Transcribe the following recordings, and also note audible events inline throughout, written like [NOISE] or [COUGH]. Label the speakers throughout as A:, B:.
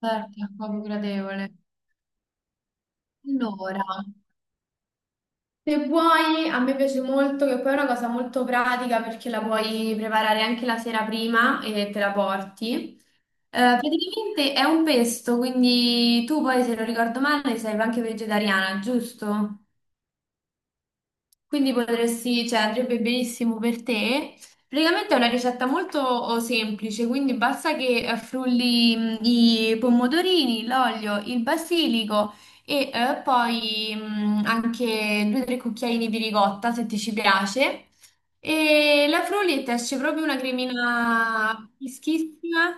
A: Certo, è proprio gradevole. Allora, se vuoi, a me piace molto, che poi è una cosa molto pratica perché la puoi preparare anche la sera prima e te la porti. Praticamente è un pesto, quindi tu poi, se non ricordo male, sei anche vegetariana, giusto? Quindi potresti, cioè andrebbe benissimo per te. Praticamente è una ricetta molto semplice, quindi basta che frulli i pomodorini, l'olio, il basilico e poi anche 2 o 3 cucchiaini di ricotta se ti ci piace. E la Frullit esce proprio una cremina fischissima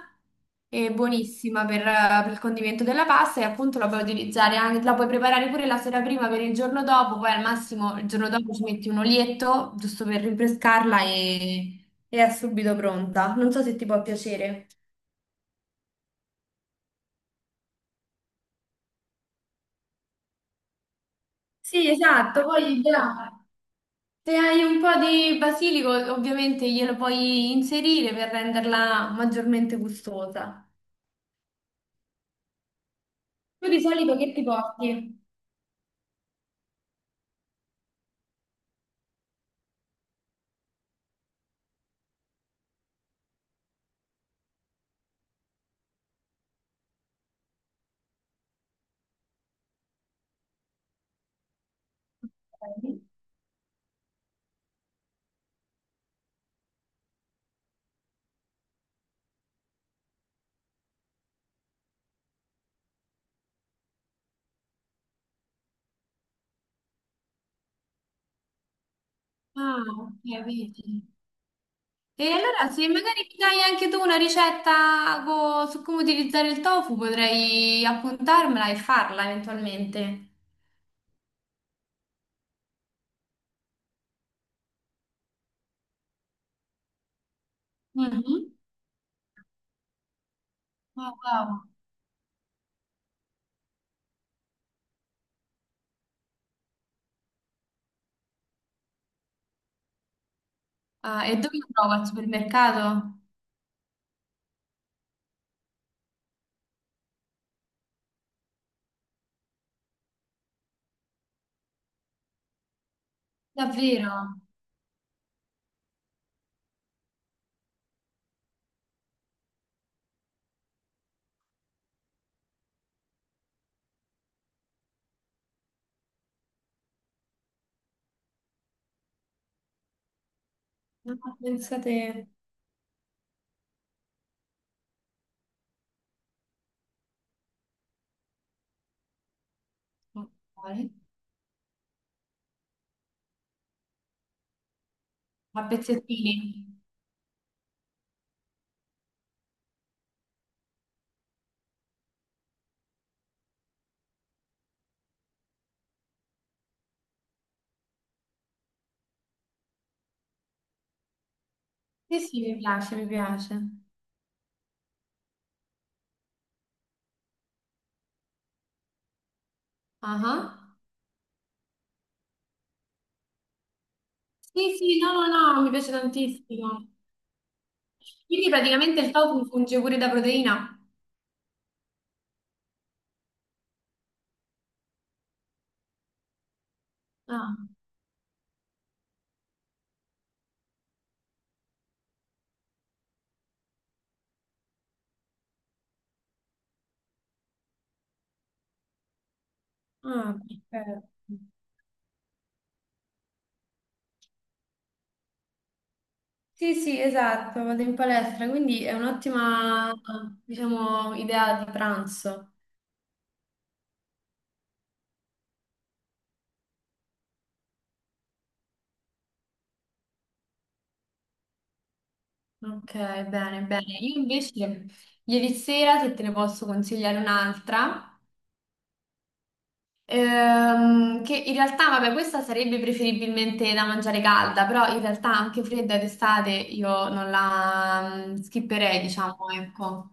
A: e buonissima per il condimento della pasta e appunto la puoi utilizzare anche, la puoi preparare pure la sera prima per il giorno dopo, poi al massimo il giorno dopo ci metti un olietto giusto per rinfrescarla e è subito pronta. Non so se ti può piacere. Sì, esatto, poi se hai un po' di basilico ovviamente glielo puoi inserire per renderla maggiormente gustosa. Tu di solito che ti porti? Ok. Ah, ok, vedi. E allora se magari mi dai anche tu una ricetta su come utilizzare il tofu, potrei appuntarmela e farla eventualmente. Mhm. Ah, wow. Ah, e dove lo trovo? Al supermercato? Davvero? Ah, pensate. Ok. A pezzettini? Sì, sì, mi piace, mi piace. Ah. Sì, sì, no, no, no, mi piace tantissimo. Quindi praticamente il tofu funge pure da proteina. Ah. Ah, perfetto. Sì, sì, esatto, vado in palestra, quindi è un'ottima, diciamo, idea di pranzo. Ok, bene, bene. Io invece ieri sera, se te ne posso consigliare un'altra, che in realtà, vabbè, questa sarebbe preferibilmente da mangiare calda, però in realtà anche fredda d'estate io non la skipperei, diciamo, ecco.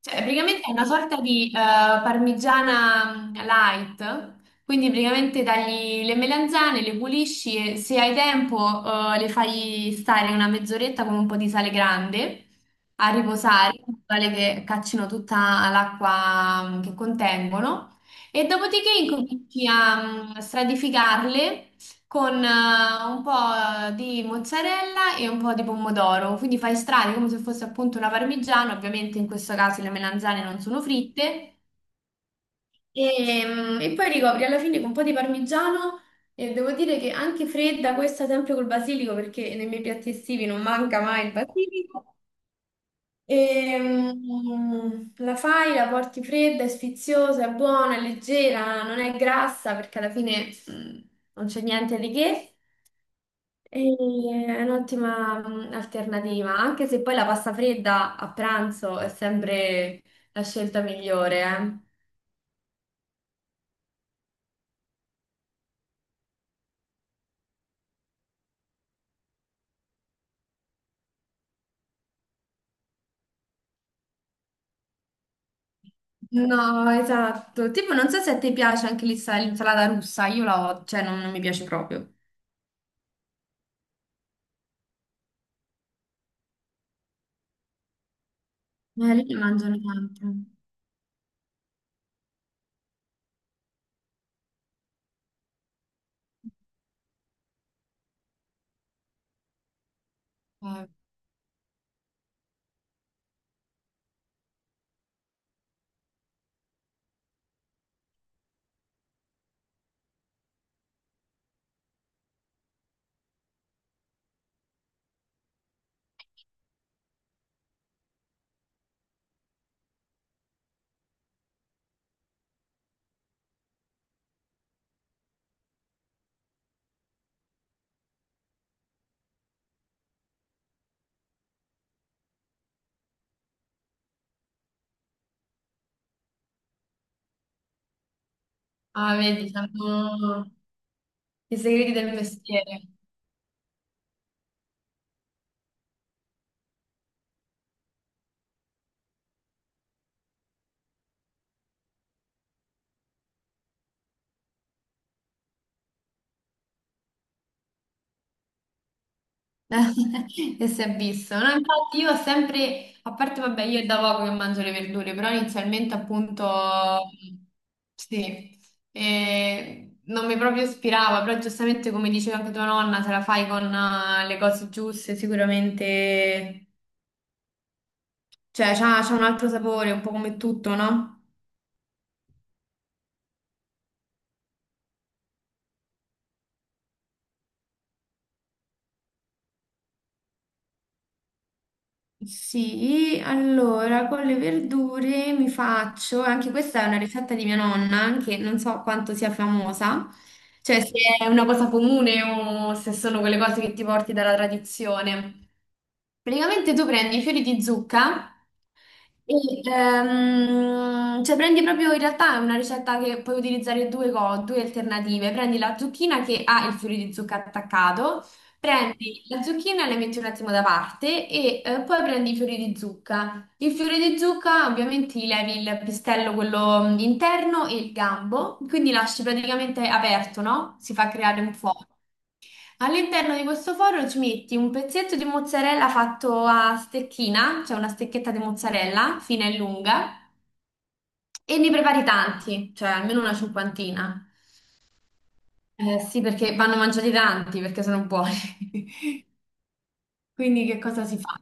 A: Cioè, praticamente è una sorta di parmigiana light, quindi praticamente tagli le melanzane, le pulisci e se hai tempo le fai stare una mezz'oretta con un po' di sale grande a riposare, in modo tale che caccino tutta l'acqua che contengono. E dopodiché incominci a stratificarle con un po' di mozzarella e un po' di pomodoro. Quindi fai strati come se fosse appunto una parmigiana, ovviamente in questo caso le melanzane non sono fritte. E poi ricopri alla fine con un po' di parmigiano e devo dire che anche fredda, questa sempre col basilico, perché nei miei piatti estivi non manca mai il basilico. E, la fai, la porti fredda, è sfiziosa, è buona, è leggera, non è grassa perché alla fine non c'è niente di che. E è un'ottima alternativa, anche se poi la pasta fredda a pranzo è sempre la scelta migliore, eh. No, esatto. Tipo, non so se a te piace anche l'insalata russa, io la ho, cioè non mi piace proprio. Lì ne mangiano tanto. Eh. Ah, vedi, siamo i segreti del mestiere. [LAUGHS] E si è visto, no? Infatti io ho sempre, a parte vabbè, io è da poco che mangio le verdure, però inizialmente appunto sì, e non mi proprio ispirava, però giustamente come diceva anche tua nonna, se la fai con le cose giuste sicuramente, cioè c'ha un altro sapore, un po' come tutto, no? Sì, allora con le verdure mi faccio, anche questa è una ricetta di mia nonna, che non so quanto sia famosa, cioè se è una cosa comune o se sono quelle cose che ti porti dalla tradizione. Praticamente tu prendi i fiori di zucca e, cioè prendi proprio in realtà è una ricetta che puoi utilizzare due, due alternative. Prendi la zucchina che ha il fiore di zucca attaccato, prendi la zucchina e la metti un attimo da parte e poi prendi i fiori di zucca. Il fiore di zucca ovviamente gli levi il pistello, quello interno e il gambo, quindi lasci praticamente aperto, no? Si fa creare un fuoco. All'interno di questo forno ci metti un pezzetto di mozzarella fatto a stecchina, cioè una stecchetta di mozzarella fina e lunga, e ne prepari tanti, cioè almeno una cinquantina. Sì, perché vanno mangiati tanti, perché sono buoni. [LAUGHS] Quindi che cosa si fa?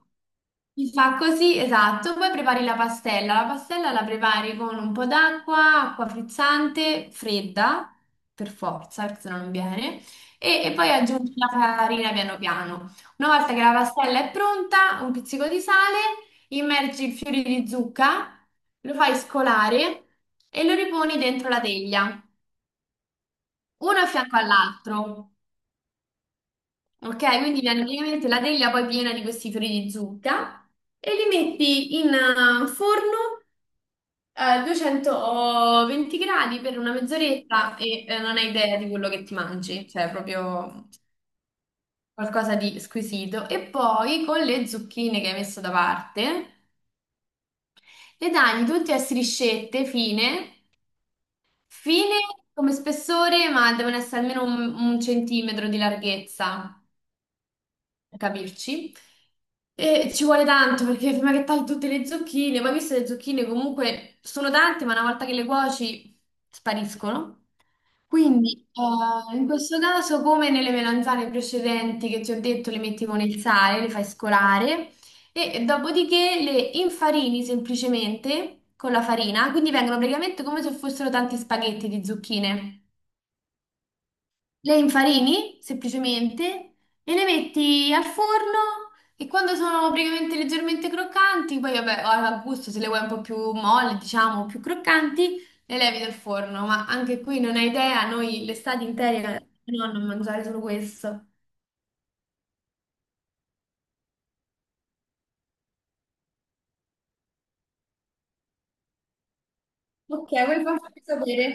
A: Si fa così, esatto. Poi prepari la pastella. La pastella la prepari con un po' d'acqua, acqua frizzante, fredda, per forza, perché se no non viene. E poi aggiungi la farina piano piano. Una volta che la pastella è pronta, un pizzico di sale, immergi i fiori di zucca, lo fai scolare e lo riponi dentro la teglia, uno a fianco all'altro. Ok, quindi viene praticamente la teglia poi piena di questi fiori di zucca e li metti in forno a 220 gradi per una mezz'oretta e non hai idea di quello che ti mangi, cioè proprio qualcosa di squisito. E poi con le zucchine che hai messo da parte le tagli tutte a striscette fine, fine come spessore, ma devono essere almeno un centimetro di larghezza. Capirci. E ci vuole tanto perché prima che tagli tutte le zucchine, poi viste le zucchine comunque sono tante, ma una volta che le cuoci spariscono. Quindi, in questo caso, come nelle melanzane precedenti che ti ho detto, le metti con il sale, le fai scolare e dopodiché le infarini semplicemente con la farina, quindi vengono praticamente come se fossero tanti spaghetti di zucchine. Le infarini semplicemente e le metti al forno e quando sono praticamente leggermente croccanti, poi vabbè, a gusto se le vuoi un po' più molli, diciamo, più croccanti, le levi dal forno, ma anche qui non hai idea, noi l'estate intera no, non mangiare solo questo. Ok, vuoi farmi sapere?